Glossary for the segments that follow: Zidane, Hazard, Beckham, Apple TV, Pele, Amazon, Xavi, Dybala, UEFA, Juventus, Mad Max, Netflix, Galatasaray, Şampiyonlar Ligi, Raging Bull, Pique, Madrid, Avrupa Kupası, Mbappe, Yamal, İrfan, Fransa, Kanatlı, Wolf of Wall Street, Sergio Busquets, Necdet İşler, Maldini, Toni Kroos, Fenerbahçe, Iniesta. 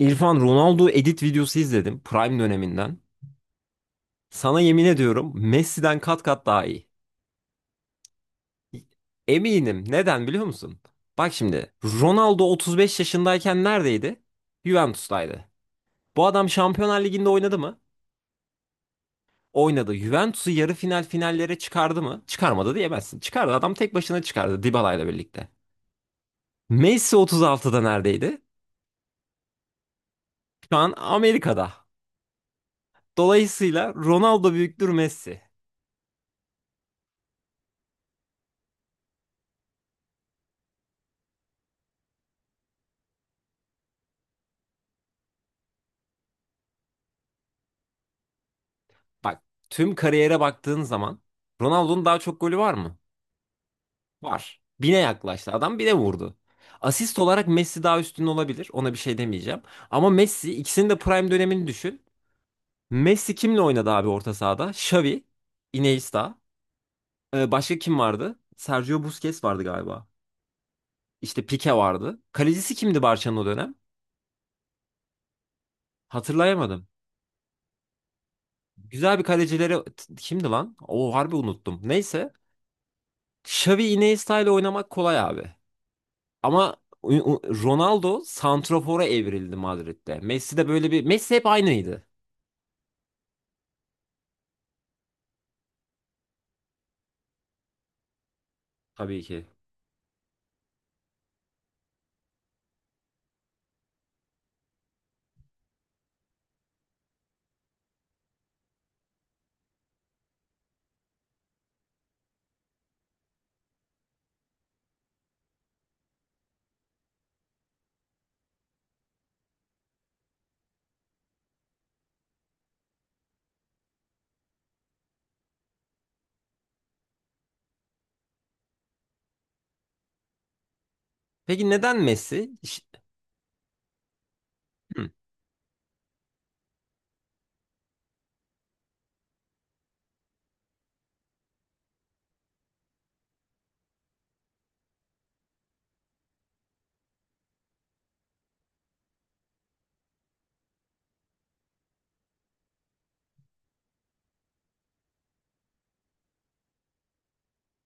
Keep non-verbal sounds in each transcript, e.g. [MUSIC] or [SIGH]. İrfan, Ronaldo edit videosu izledim prime döneminden. Sana yemin ediyorum, Messi'den kat kat daha iyi. Eminim. Neden biliyor musun? Bak şimdi Ronaldo 35 yaşındayken neredeydi? Juventus'taydı. Bu adam Şampiyonlar Ligi'nde oynadı mı? Oynadı. Juventus'u yarı final finallere çıkardı mı? Çıkarmadı diyemezsin. Çıkardı. Adam tek başına çıkardı Dybala'yla birlikte. Messi 36'da neredeydi? Şu an Amerika'da. Dolayısıyla Ronaldo büyüktür Messi. Bak, tüm kariyere baktığın zaman Ronaldo'nun daha çok golü var mı? Var. Bine yaklaştı. Adam bine vurdu. Asist olarak Messi daha üstün olabilir. Ona bir şey demeyeceğim. Ama Messi ikisinin de prime dönemini düşün. Messi kimle oynadı abi orta sahada? Xavi, Iniesta. Başka kim vardı? Sergio Busquets vardı galiba. İşte Pique vardı. Kalecisi kimdi Barça'nın o dönem? Hatırlayamadım. Güzel bir kalecileri kimdi lan? O harbi unuttum. Neyse. Xavi Iniesta ile oynamak kolay abi. Ama Ronaldo santrafora evrildi Madrid'de. Messi de böyle bir... Messi hep aynıydı, tabii ki. Peki neden Messi? Hı.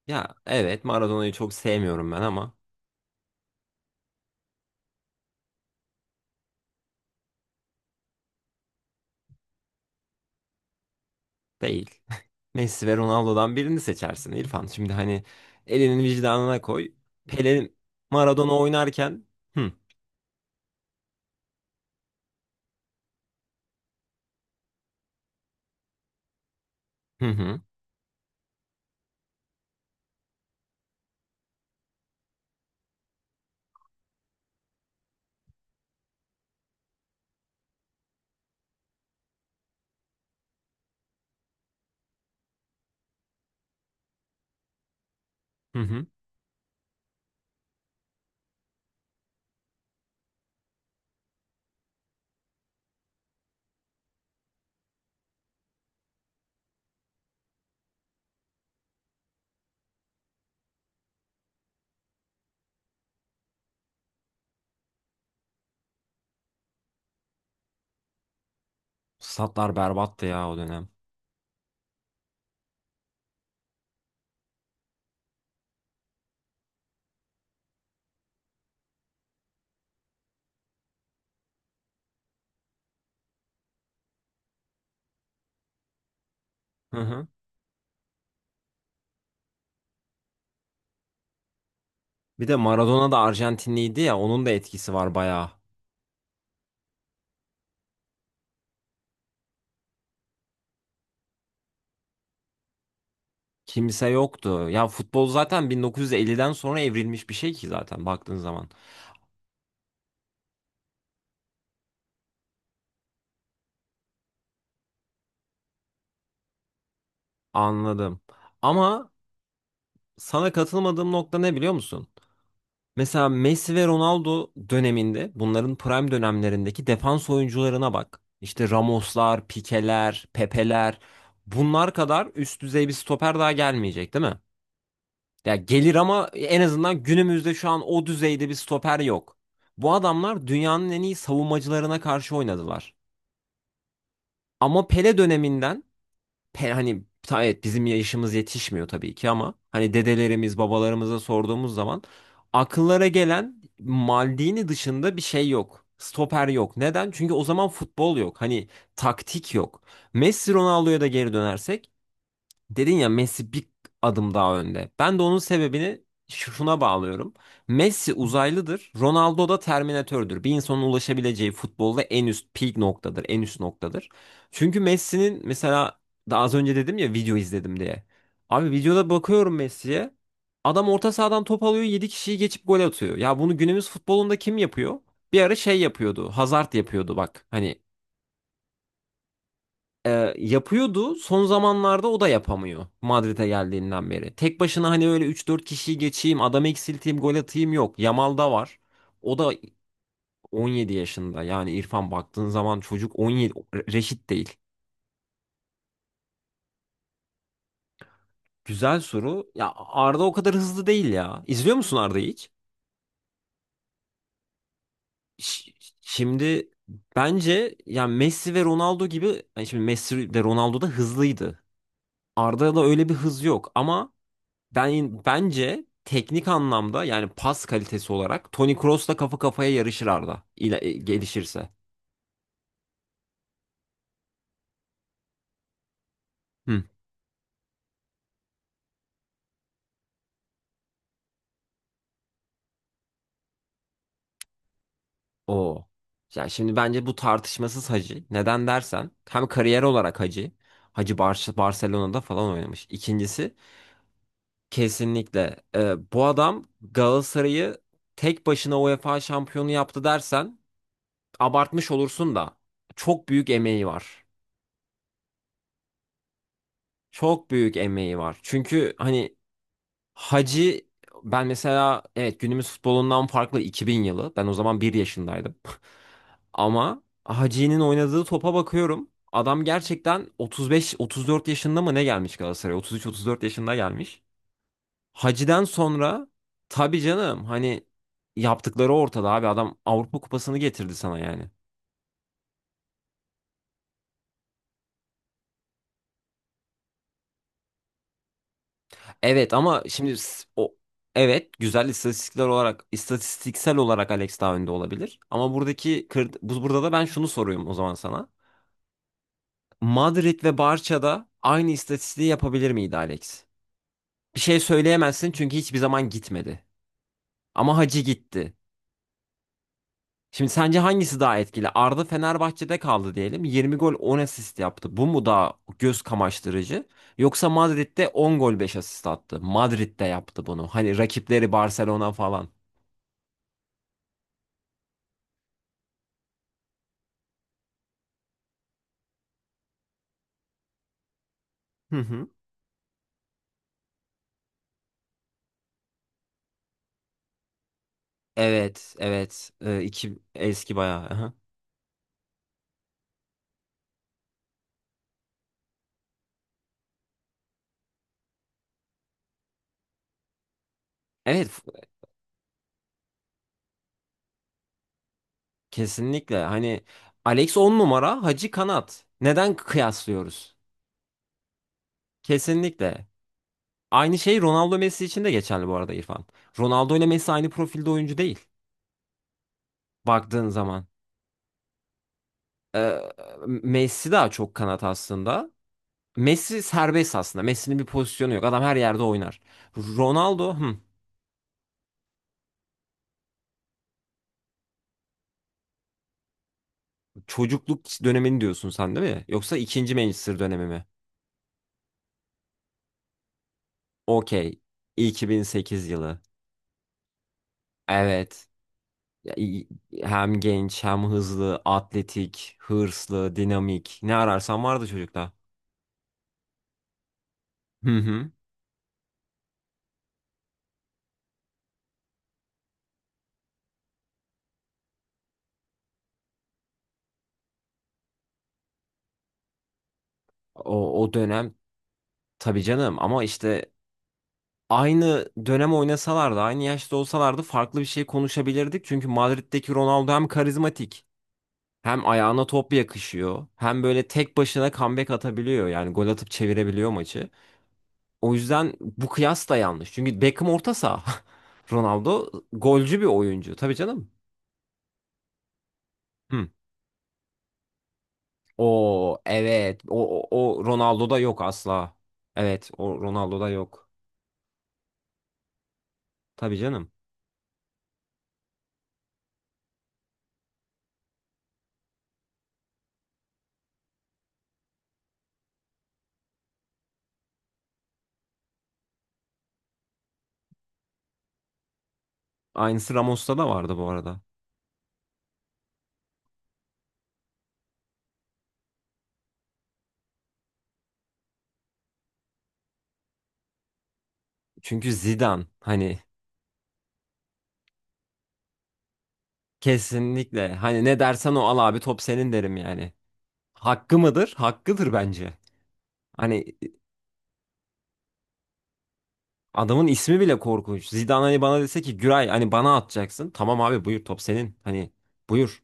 Ya evet, Maradona'yı çok sevmiyorum ben ama değil. [LAUGHS] Messi ve Ronaldo'dan birini seçersin İrfan. Şimdi hani elinin vicdanına koy. Pele Maradona oynarken hı hı hı hı. Hı. Statlar berbattı ya o dönem. Hı hı. Bir de Maradona da Arjantinliydi ya, onun da etkisi var bayağı. Kimse yoktu. Ya futbol zaten 1950'den sonra evrilmiş bir şey ki zaten baktığın zaman. Anladım. Ama sana katılmadığım nokta ne biliyor musun? Mesela Messi ve Ronaldo döneminde bunların prime dönemlerindeki defans oyuncularına bak. İşte Ramoslar, Pikeler, Pepeler, bunlar kadar üst düzey bir stoper daha gelmeyecek değil mi? Ya gelir ama en azından günümüzde şu an o düzeyde bir stoper yok. Bu adamlar dünyanın en iyi savunmacılarına karşı oynadılar. Ama Pele döneminden evet, bizim yaşımız yetişmiyor tabii ki ama hani dedelerimiz babalarımıza sorduğumuz zaman akıllara gelen Maldini dışında bir şey yok. Stoper yok. Neden? Çünkü o zaman futbol yok. Hani taktik yok. Messi Ronaldo'ya da geri dönersek, dedin ya Messi bir adım daha önde. Ben de onun sebebini şuna bağlıyorum. Messi uzaylıdır, Ronaldo da Terminatördür. Bir insanın ulaşabileceği futbolda en üst peak noktadır, en üst noktadır. Çünkü Messi'nin mesela daha az önce dedim ya video izledim diye. Abi videoda bakıyorum Messi'ye. Adam orta sahadan top alıyor, 7 kişiyi geçip gol atıyor. Ya bunu günümüz futbolunda kim yapıyor? Bir ara şey yapıyordu. Hazard yapıyordu bak. Hani yapıyordu. Son zamanlarda o da yapamıyor Madrid'e geldiğinden beri. Tek başına hani öyle üç dört kişiyi geçeyim, adam eksilteyim, gol atayım yok. Yamal da var. O da 17 yaşında. Yani İrfan baktığın zaman çocuk 17, reşit değil. Güzel soru. Ya Arda o kadar hızlı değil ya. İzliyor musun Arda'yı hiç? Ş- Şimdi bence yani Messi ve Ronaldo gibi, yani şimdi Messi de Ronaldo da hızlıydı. Arda'da öyle bir hız yok ama ben bence teknik anlamda yani pas kalitesi olarak Toni Kroos'la kafa kafaya yarışır Arda. Gelişirse. Hı. O. Yani şimdi bence bu tartışmasız Hacı. Neden dersen hem kariyer olarak Hacı. Hacı Barcelona'da falan oynamış. İkincisi kesinlikle bu adam Galatasaray'ı tek başına UEFA şampiyonu yaptı dersen abartmış olursun da çok büyük emeği var. Çok büyük emeği var. Çünkü hani Hacı, ben mesela evet, günümüz futbolundan farklı 2000 yılı. Ben o zaman bir yaşındaydım. [LAUGHS] Ama Hacı'nın oynadığı topa bakıyorum. Adam gerçekten 35-34 yaşında mı ne gelmiş Galatasaray'a? 33-34 yaşında gelmiş. Hacı'den sonra tabii canım, hani yaptıkları ortada abi, adam Avrupa Kupası'nı getirdi sana yani. Evet ama şimdi s- o evet, güzel istatistikler olarak, istatistiksel olarak Alex daha önde olabilir. Ama buradaki burada da ben şunu soruyorum o zaman sana. Madrid ve Barça'da aynı istatistiği yapabilir miydi Alex? Bir şey söyleyemezsin çünkü hiçbir zaman gitmedi. Ama Hacı gitti. Şimdi sence hangisi daha etkili? Arda Fenerbahçe'de kaldı diyelim. 20 gol 10 asist yaptı. Bu mu daha göz kamaştırıcı? Yoksa Madrid'de 10 gol 5 asist attı. Madrid'de yaptı bunu. Hani rakipleri Barcelona falan. [LAUGHS] Evet, evet. İki eski bayağı. Aha. Evet, f- kesinlikle. Hani Alex 10 numara, Hacı kanat. Neden kıyaslıyoruz? Kesinlikle. Aynı şey Ronaldo Messi için de geçerli bu arada İrfan. Ronaldo ile Messi aynı profilde oyuncu değil. Baktığın zaman. Messi daha çok kanat aslında. Messi serbest aslında. Messi'nin bir pozisyonu yok. Adam her yerde oynar. Ronaldo, hı, çocukluk dönemini diyorsun sen değil mi? Yoksa ikinci Manchester dönemi mi? Okey. 2008 yılı. Evet. Ya, hem genç, hem hızlı, atletik, hırslı, dinamik. Ne ararsan vardı çocukta. Hı hı. O, o dönem tabii canım ama işte aynı dönem oynasalardı, aynı yaşta olsalardı farklı bir şey konuşabilirdik. Çünkü Madrid'deki Ronaldo hem karizmatik, hem ayağına top yakışıyor, hem böyle tek başına comeback atabiliyor. Yani gol atıp çevirebiliyor maçı. O yüzden bu kıyas da yanlış. Çünkü Beckham orta saha. [LAUGHS] Ronaldo golcü bir oyuncu. Tabii canım. Hı. O evet. O Ronaldo'da yok asla. Evet, o Ronaldo'da yok. Tabii canım. Aynısı Ramos'ta da vardı bu arada. Çünkü Zidane, hani kesinlikle hani ne dersen o, al abi top senin derim yani. Hakkı mıdır? Hakkıdır bence. Hani adamın ismi bile korkunç. Zidane hani bana dese ki Güray hani bana atacaksın. Tamam abi buyur top senin. Hani buyur.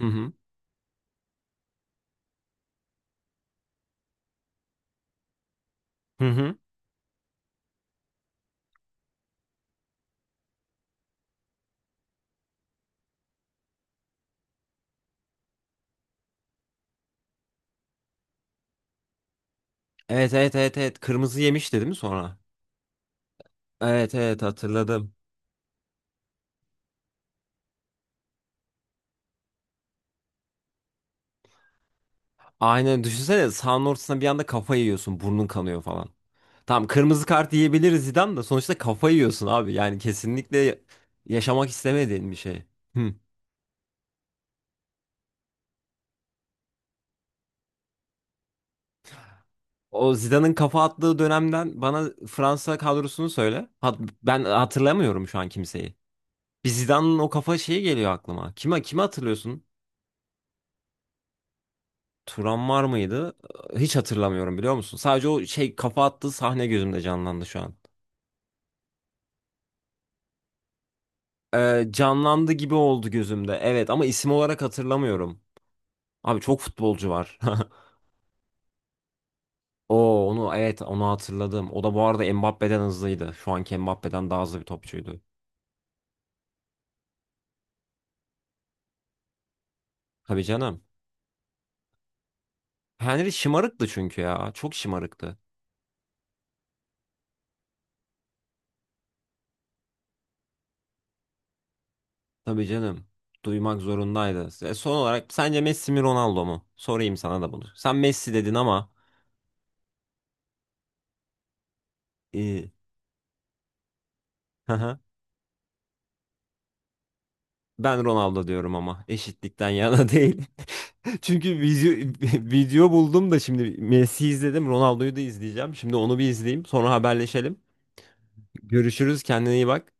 Hı hı. Hı hı. Evet evet evet evet. Kırmızı yemişti değil mi sonra? Evet evet hatırladım. Aynen düşünsene sahanın ortasına bir anda kafa yiyorsun, burnun kanıyor falan. Tamam kırmızı kart yiyebiliriz, Zidane da sonuçta, kafa yiyorsun abi. Yani kesinlikle yaşamak istemediğin bir şey. Hı. O Zidane'ın kafa attığı dönemden bana Fransa kadrosunu söyle. Ben hatırlamıyorum şu an kimseyi. Bir Zidane'ın o kafa şeyi geliyor aklıma. Kime kimi hatırlıyorsun? Turan var mıydı? Hiç hatırlamıyorum biliyor musun? Sadece o şey kafa attığı sahne gözümde canlandı şu an. Canlandı gibi oldu gözümde. Evet ama isim olarak hatırlamıyorum. Abi çok futbolcu var. [LAUGHS] Oo onu evet, onu hatırladım. O da bu arada Mbappe'den hızlıydı. Şu anki Mbappe'den daha hızlı bir topçuydu. Tabii canım. Henry şımarıktı çünkü ya. Çok şımarıktı. Tabii canım. Duymak zorundaydı. Son olarak sence Messi mi Ronaldo mu? Sorayım sana da bunu. Sen Messi dedin ama. e, [LAUGHS] Ben Ronaldo diyorum ama eşitlikten yana [LAUGHS] değil. Çünkü video, [LAUGHS] video buldum da şimdi Messi izledim, Ronaldo'yu da izleyeceğim. Şimdi onu bir izleyeyim, sonra haberleşelim. Görüşürüz, kendine iyi bak.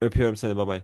Öpüyorum seni, baba.